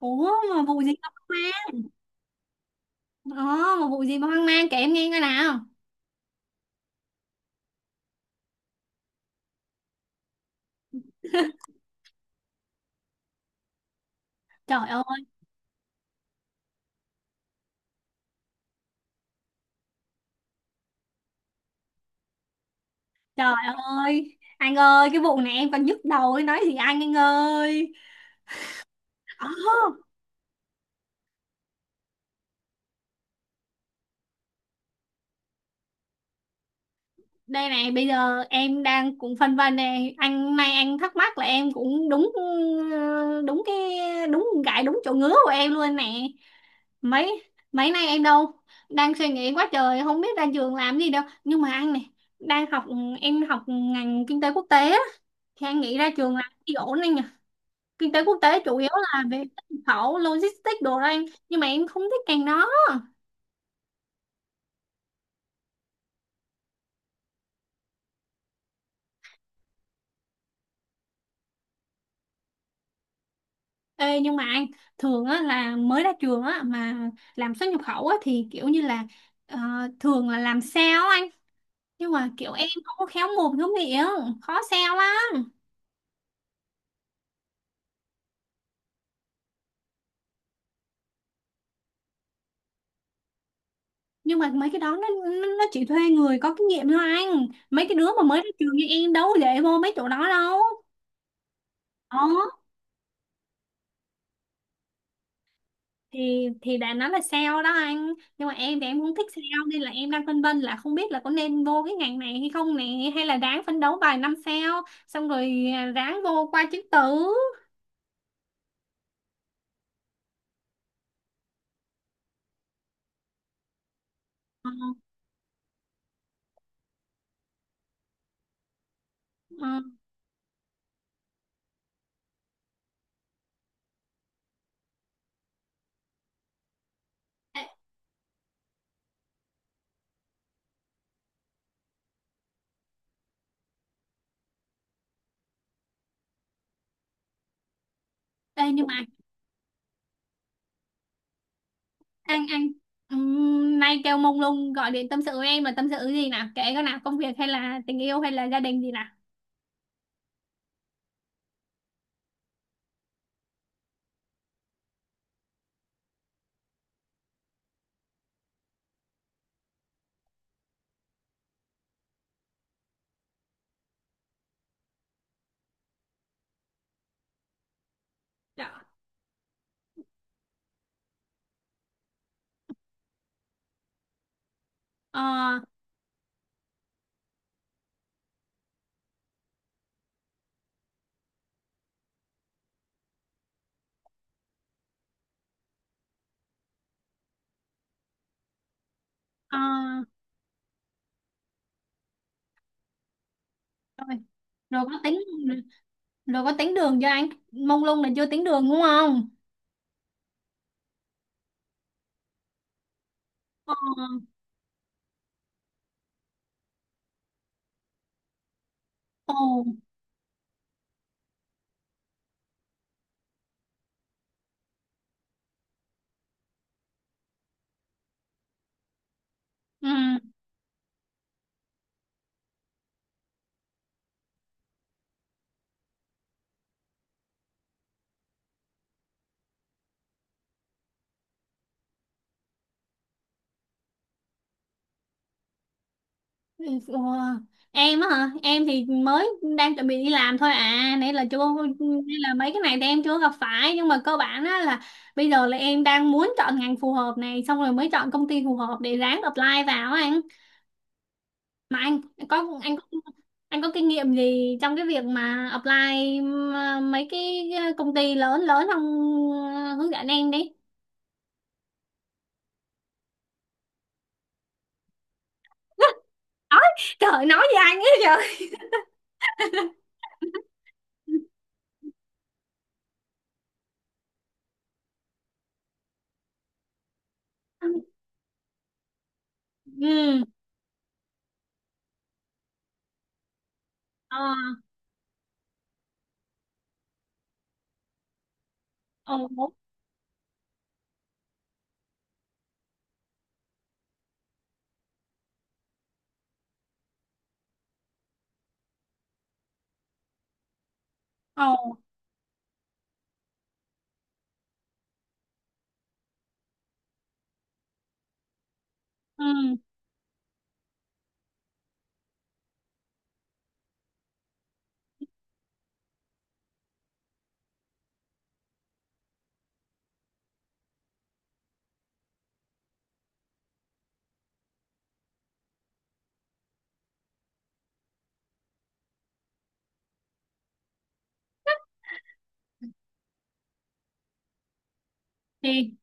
Ủa mà vụ gì mà hoang mang? Ờ mà vụ gì mà hoang mang kể em nghe coi nào? Trời ơi trời ơi anh ơi, cái vụ này em còn nhức đầu ấy. Nói gì anh ơi. Ờ Đây này, bây giờ em đang cũng phân vân này. Anh nay anh thắc mắc là em cũng đúng, đúng cái gãi đúng chỗ ngứa của em luôn nè. Mấy mấy nay em đâu đang suy nghĩ quá trời, không biết ra trường làm gì đâu. Nhưng mà anh này, đang học, em học ngành kinh tế quốc tế á, thì anh nghĩ ra trường làm gì ổn anh nhỉ? Kinh tế quốc tế chủ yếu là về xuất khẩu logistics đồ đó anh, nhưng mà em không thích ngành đó. Ê, nhưng mà anh, thường á, là mới ra trường á, mà làm xuất nhập khẩu á, thì kiểu như là, ờ, thường là làm sale á anh, nhưng mà kiểu em không có khéo mồm khéo miệng, khó sale lắm. Nhưng mà mấy cái đó nó chỉ thuê người có kinh nghiệm thôi anh, mấy cái đứa mà mới ra trường như em đâu để vô mấy chỗ đó đâu. Ờ, thì đã nói là sale đó anh, nhưng mà em thì em không thích sale, nên là em đang phân vân là không biết là có nên vô cái ngành này hay không này, hay là ráng phấn đấu vài năm sao xong rồi, ráng vô qua chứng tử. Ờ, ờ. Ê, ê, nhưng mà anh nay kêu mông lung gọi điện tâm sự với em là tâm sự gì nào, kể cái nào, công việc hay là tình yêu hay là gia đình gì nào? Dạ. Ờ, ờ, rồi, rồi có tính rồi có tính đường cho anh, mông lung là chưa tính đường đúng không? Ờ, ồ. Ừ. Ủa, em á hả? Em thì mới đang chuẩn bị đi làm thôi à, nãy là chưa, nên là mấy cái này thì em chưa gặp phải, nhưng mà cơ bản á là bây giờ là em đang muốn chọn ngành phù hợp này xong rồi mới chọn công ty phù hợp để ráng apply vào á anh. Mà anh có anh có anh có kinh nghiệm gì trong cái việc mà apply mấy cái công ty lớn lớn không? Ờ, hướng dẫn em đi. Nói, trời ơi, nói với anh ấy trời. Ừ. Ờ. Ồ. Ồ. Ừ. thì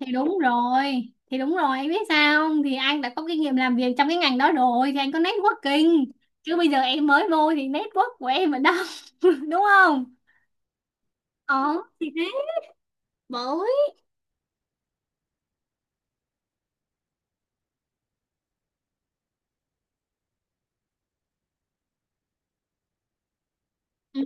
thì đúng rồi, đúng rồi anh biết sao không, thì anh đã có kinh nghiệm làm việc trong cái ngành đó rồi thì anh có networking, chứ bây giờ em mới vô thì network của em ở đâu? Đúng không? Ờ, thế mới. Ừ.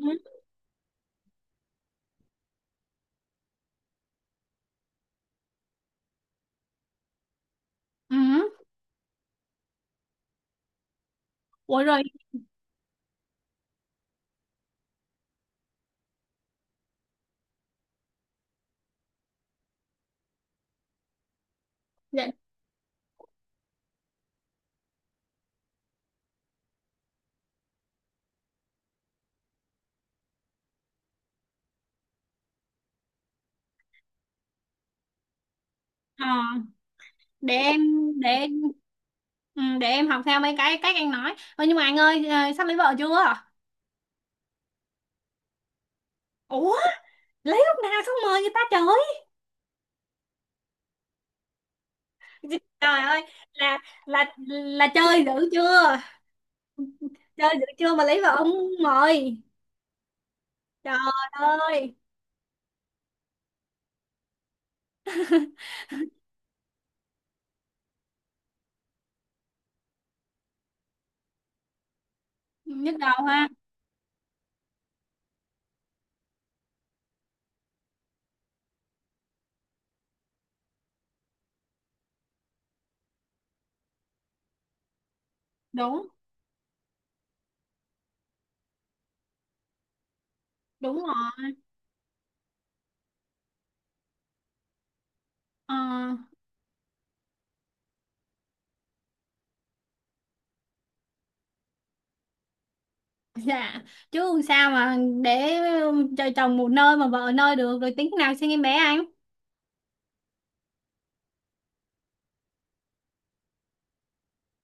Ừ. Ủa rồi. Dạ. Ờ, để em để em ừ, để em học theo mấy cái cách anh nói. Ơ nhưng mà anh ơi, sắp lấy vợ chưa? Ủa, lấy lúc nào xong mời người ta trời. Trời ơi, là là chơi dữ chưa? Chơi dữ chưa mà lấy vợ không mời. Trời ơi, nhức đầu ha. Đúng, đúng rồi. Ờ, dạ, chứ sao mà để cho chồng một nơi mà vợ nơi? Được rồi tính nào sinh em bé anh?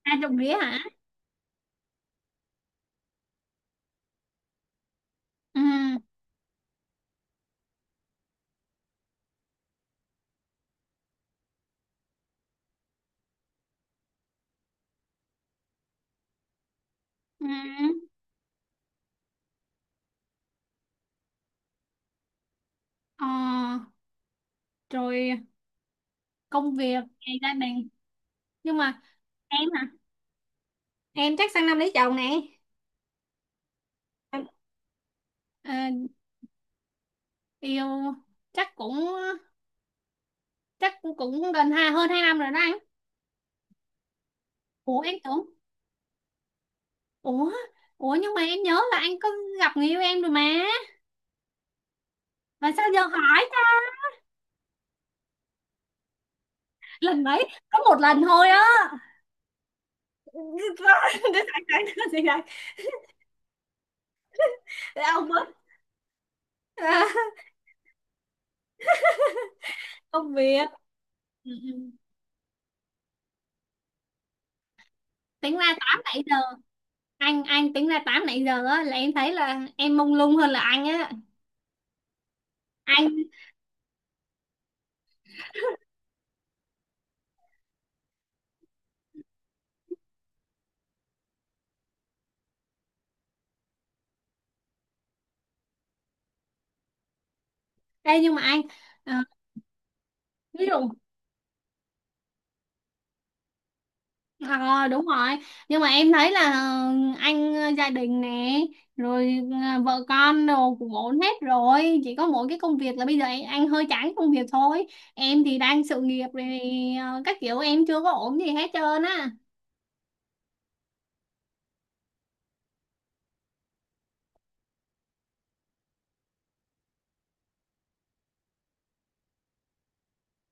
À trộm rĩa hả? Ừ, ừ. Ờ, rồi công việc ngày gia đình. Nhưng mà em hả? Em chắc sang năm lấy chồng nè. Ờ, yêu chắc cũng chắc cũng cũng gần hai, hơn hai năm rồi đó anh. Ủa em tưởng, ủa, ủa nhưng mà em nhớ là anh có gặp người yêu em rồi mà. Mà sao giờ hỏi ta? Lần mấy, có một lần thôi á. Để sẵn sàng, để sẵn, để ông bớt. À, công việc. Ừ, ừ. Tính ra 8 nãy giờ, anh tính ra 8 nãy giờ á là em thấy là em mông lung hơn là anh á. Anh, ê nhưng mà anh, ờ, ví dụ. Ờ đúng rồi, nhưng mà em thấy là anh gia đình nè, rồi vợ con đồ cũng ổn hết rồi, chỉ có mỗi cái công việc là bây giờ anh hơi chán công việc thôi. Em thì đang sự nghiệp rồi, các kiểu em chưa có ổn gì hết trơn á.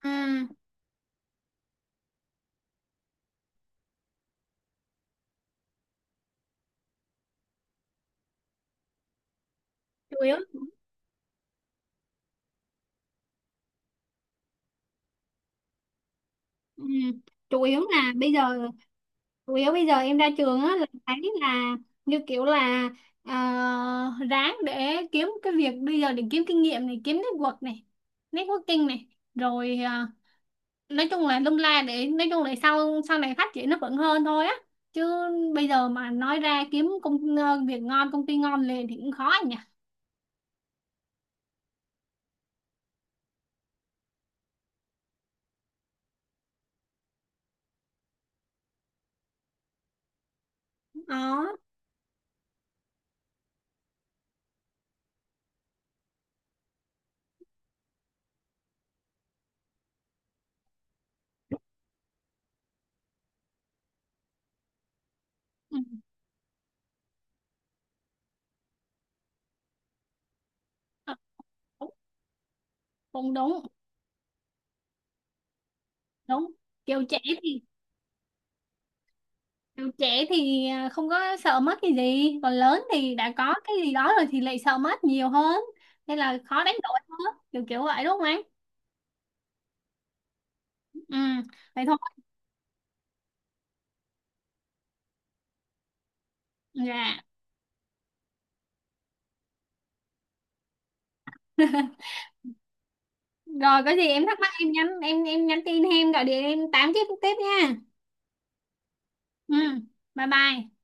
Ừ, chủ yếu ừ, chủ yếu là bây giờ chủ yếu bây giờ em ra trường á là thấy là, như kiểu là, ờ, ráng để kiếm cái việc bây giờ để kiếm kinh nghiệm này, kiếm network networking này, rồi nói chung là lung la, để nói chung là sau sau này phát triển nó vẫn hơn thôi á. Chứ bây giờ mà nói ra kiếm việc ngon công ty ngon liền thì cũng khó nhỉ? Đó. Ừ. Ờ, đúng, cũng đúng. Đúng, kiểu trẻ thì kiểu trẻ thì không có sợ mất cái gì, còn lớn thì đã có cái gì đó rồi thì lại sợ mất nhiều hơn, nên là khó đánh đổi hơn kiểu kiểu vậy đúng không anh? Ừ, vậy thôi. Dạ rồi có gì em thắc mắc em nhắn, em nhắn tin hay em gọi điện em tám tiếp tiếp nha. Ừ, bye bye.